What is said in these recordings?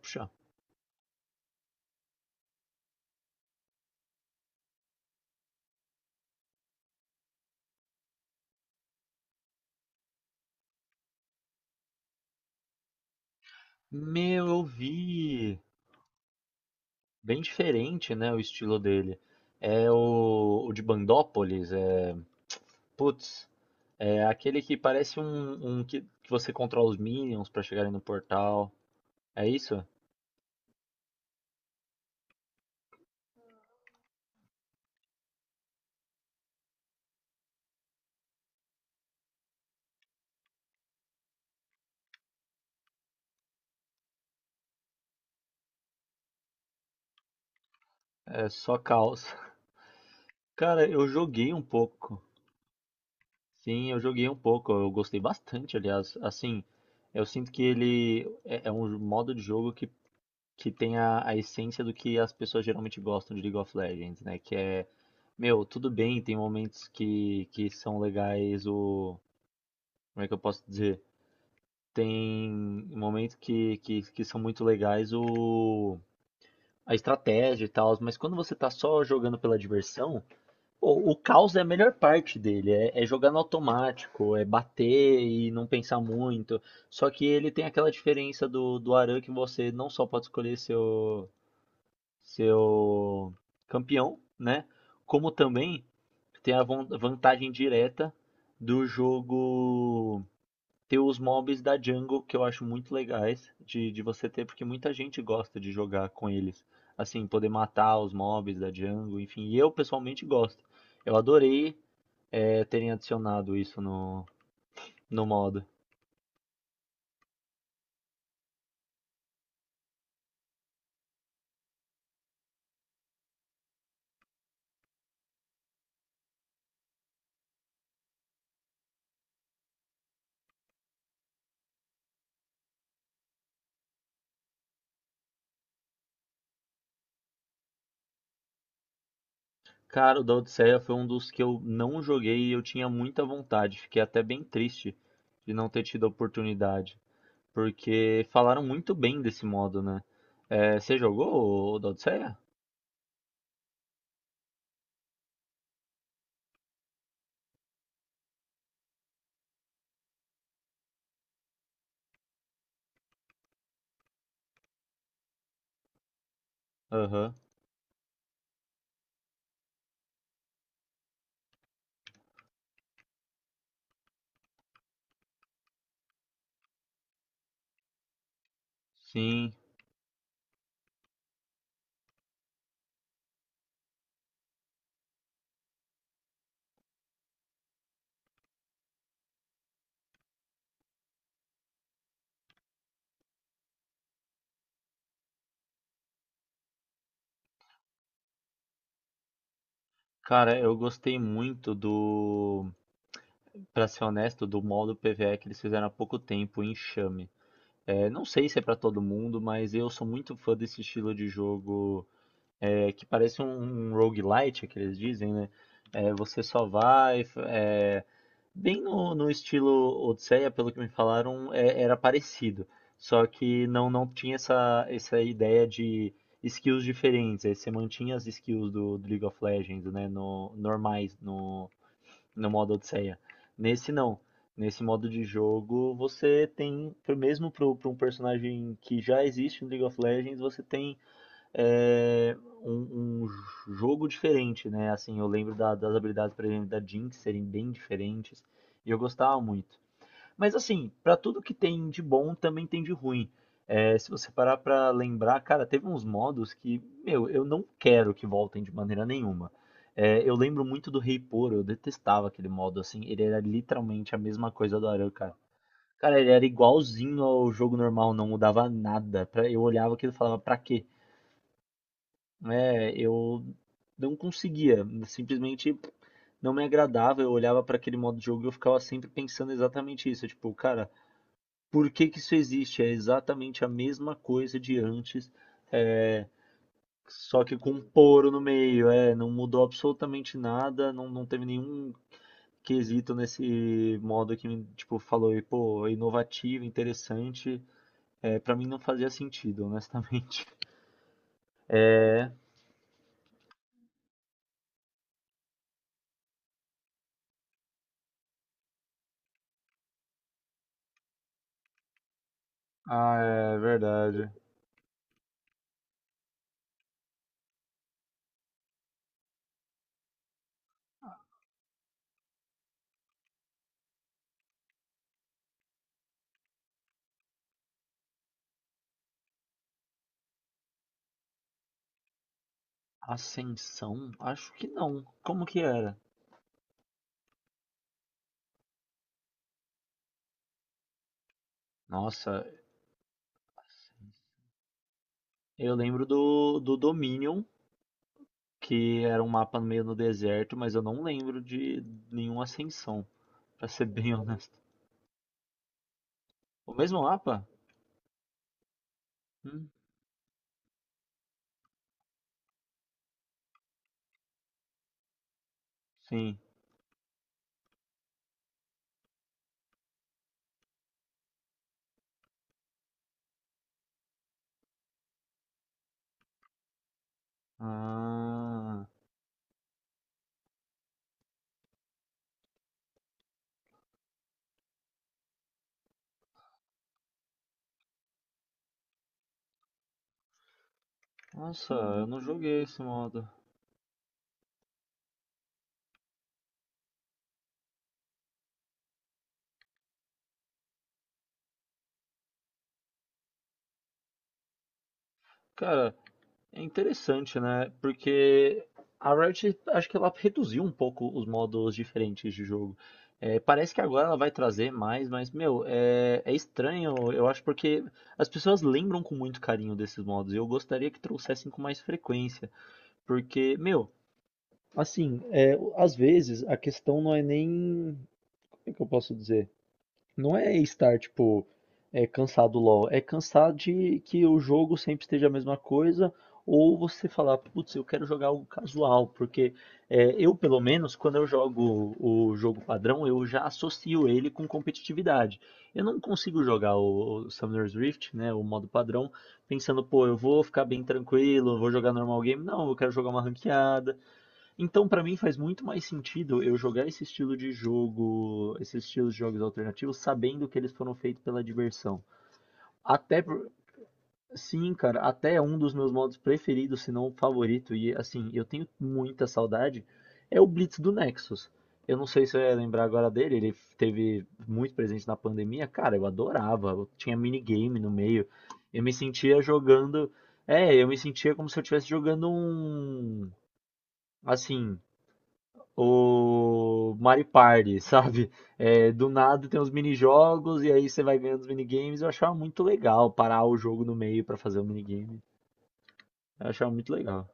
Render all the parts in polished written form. Puxa, meu, eu vi. Bem diferente, né, o estilo dele. É o de Bandópolis, putz, é aquele que parece um que você controla os minions pra chegarem no portal. É isso? É só caos. Cara, eu joguei um pouco. Sim, eu joguei um pouco. Eu gostei bastante, aliás. Assim, eu sinto que ele é um modo de jogo que tem a essência do que as pessoas geralmente gostam de League of Legends, né? Que é Meu, tudo bem, tem momentos que são legais, o. Como é que eu posso dizer? Tem momentos que são muito legais o. A estratégia e tal, mas quando você tá só jogando pela diversão, o caos é a melhor parte dele. É jogar no automático, é bater e não pensar muito. Só que ele tem aquela diferença do Aran, que você não só pode escolher seu campeão, né? Como também tem a vantagem direta do jogo ter os mobs da jungle, que eu acho muito legais de você ter, porque muita gente gosta de jogar com eles. Assim, poder matar os mobs da jungle, enfim, e eu pessoalmente gosto. Eu adorei terem adicionado isso no modo. Cara, o da Odisseia foi um dos que eu não joguei e eu tinha muita vontade. Fiquei até bem triste de não ter tido a oportunidade. Porque falaram muito bem desse modo, né? É, você jogou o da Odisseia? Aham. Sim. Cara, eu gostei muito do, pra ser honesto, do modo PvE que eles fizeram há pouco tempo, o Enxame. É, não sei se é pra todo mundo, mas eu sou muito fã desse estilo de jogo, que parece um roguelite, é que eles dizem, né? É, bem no estilo Odisseia, pelo que me falaram, era parecido. Só que não tinha essa ideia de skills diferentes. Aí você mantinha as skills do League of Legends, né? No, normais, no modo Odisseia. Nesse não. Nesse modo de jogo, você tem, mesmo para um personagem que já existe no League of Legends, você tem é, um jogo diferente, né? Assim, eu lembro das habilidades, por exemplo, da Jinx serem bem diferentes e eu gostava muito. Mas assim, pra tudo que tem de bom, também tem de ruim. É, se você parar pra lembrar, cara, teve uns modos que, meu, eu não quero que voltem de maneira nenhuma. É, eu lembro muito do Rei Poro, eu detestava aquele modo, assim, ele era literalmente a mesma coisa do Aran, cara. Cara, ele era igualzinho ao jogo normal, não mudava nada. Eu olhava aquilo e falava, pra quê? É, eu não conseguia, simplesmente não me agradava. Eu olhava para aquele modo de jogo e eu ficava sempre pensando exatamente isso. Tipo, cara, por que que isso existe? É exatamente a mesma coisa de antes, é, só que com um poro no meio. É, não mudou absolutamente nada, não teve nenhum quesito nesse modo que me, tipo, falou, e, pô, é inovativo, interessante. É, para mim não fazia sentido, honestamente. Ah, é verdade. Ascensão? Acho que não. Como que era? Nossa, eu lembro do Dominion, que era um mapa meio no deserto, mas eu não lembro de nenhuma ascensão, pra ser bem honesto. O mesmo mapa? Hum, sim. Ah, nossa, eu não joguei esse modo. Cara, é interessante, né? Porque a Riot, acho que ela reduziu um pouco os modos diferentes de jogo. É, parece que agora ela vai trazer mais, mas, meu, é estranho, eu acho, porque as pessoas lembram com muito carinho desses modos. E eu gostaria que trouxessem com mais frequência. Porque, meu, assim, às vezes a questão não é nem. Como é que eu posso dizer? Não é estar, tipo, cansado do LoL. É cansado de que o jogo sempre esteja a mesma coisa. Ou você falar, putz, eu quero jogar algo casual. Porque eu, pelo menos, quando eu jogo o jogo padrão, eu já associo ele com competitividade. Eu não consigo jogar o Summoner's Rift, né, o modo padrão, pensando, pô, eu vou ficar bem tranquilo, vou jogar normal game. Não, eu quero jogar uma ranqueada. Então, pra mim faz muito mais sentido eu jogar esse estilo de jogo, esses estilos de jogos alternativos, sabendo que eles foram feitos pela diversão. Até, por- sim, cara, até é um dos meus modos preferidos, se não o favorito, e assim, eu tenho muita saudade, é o Blitz do Nexus. Eu não sei se eu ia lembrar agora dele, ele teve muito presente na pandemia. Cara, eu adorava, eu tinha minigame no meio. Eu me sentia jogando. É, eu me sentia como se eu estivesse jogando um. Assim, o Mario Party, sabe? É, do nada tem uns minijogos e aí você vai ganhando os minigames. Eu achava muito legal parar o jogo no meio pra fazer o minigame. Eu achava muito legal.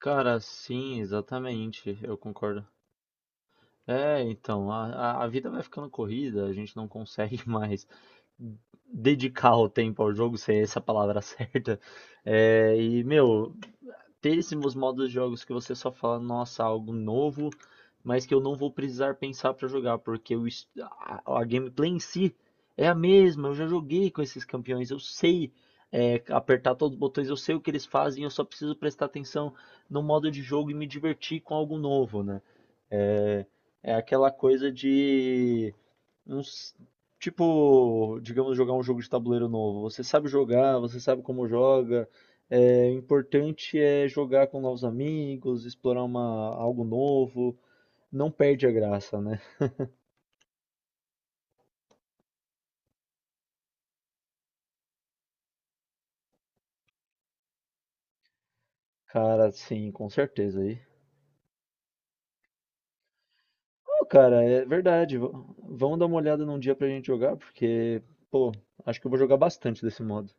Cara, sim, exatamente, eu concordo. É, então, a vida vai ficando corrida, a gente não consegue mais dedicar o tempo ao jogo, se é essa a palavra certa. É, e, meu, péssimos modos de jogos que você só fala, nossa, algo novo, mas que eu não vou precisar pensar para jogar, porque a gameplay em si é a mesma. Eu já joguei com esses campeões, eu sei apertar todos os botões, eu sei o que eles fazem, eu só preciso prestar atenção no modo de jogo e me divertir com algo novo, né? É, é aquela coisa de não s- tipo, digamos, jogar um jogo de tabuleiro novo. Você sabe jogar, você sabe como joga. É, o importante é jogar com novos amigos, explorar algo novo. Não perde a graça, né? Cara, sim, com certeza aí. Ô, cara, é verdade. Vamos dar uma olhada num dia pra gente jogar, porque, pô, acho que eu vou jogar bastante desse modo.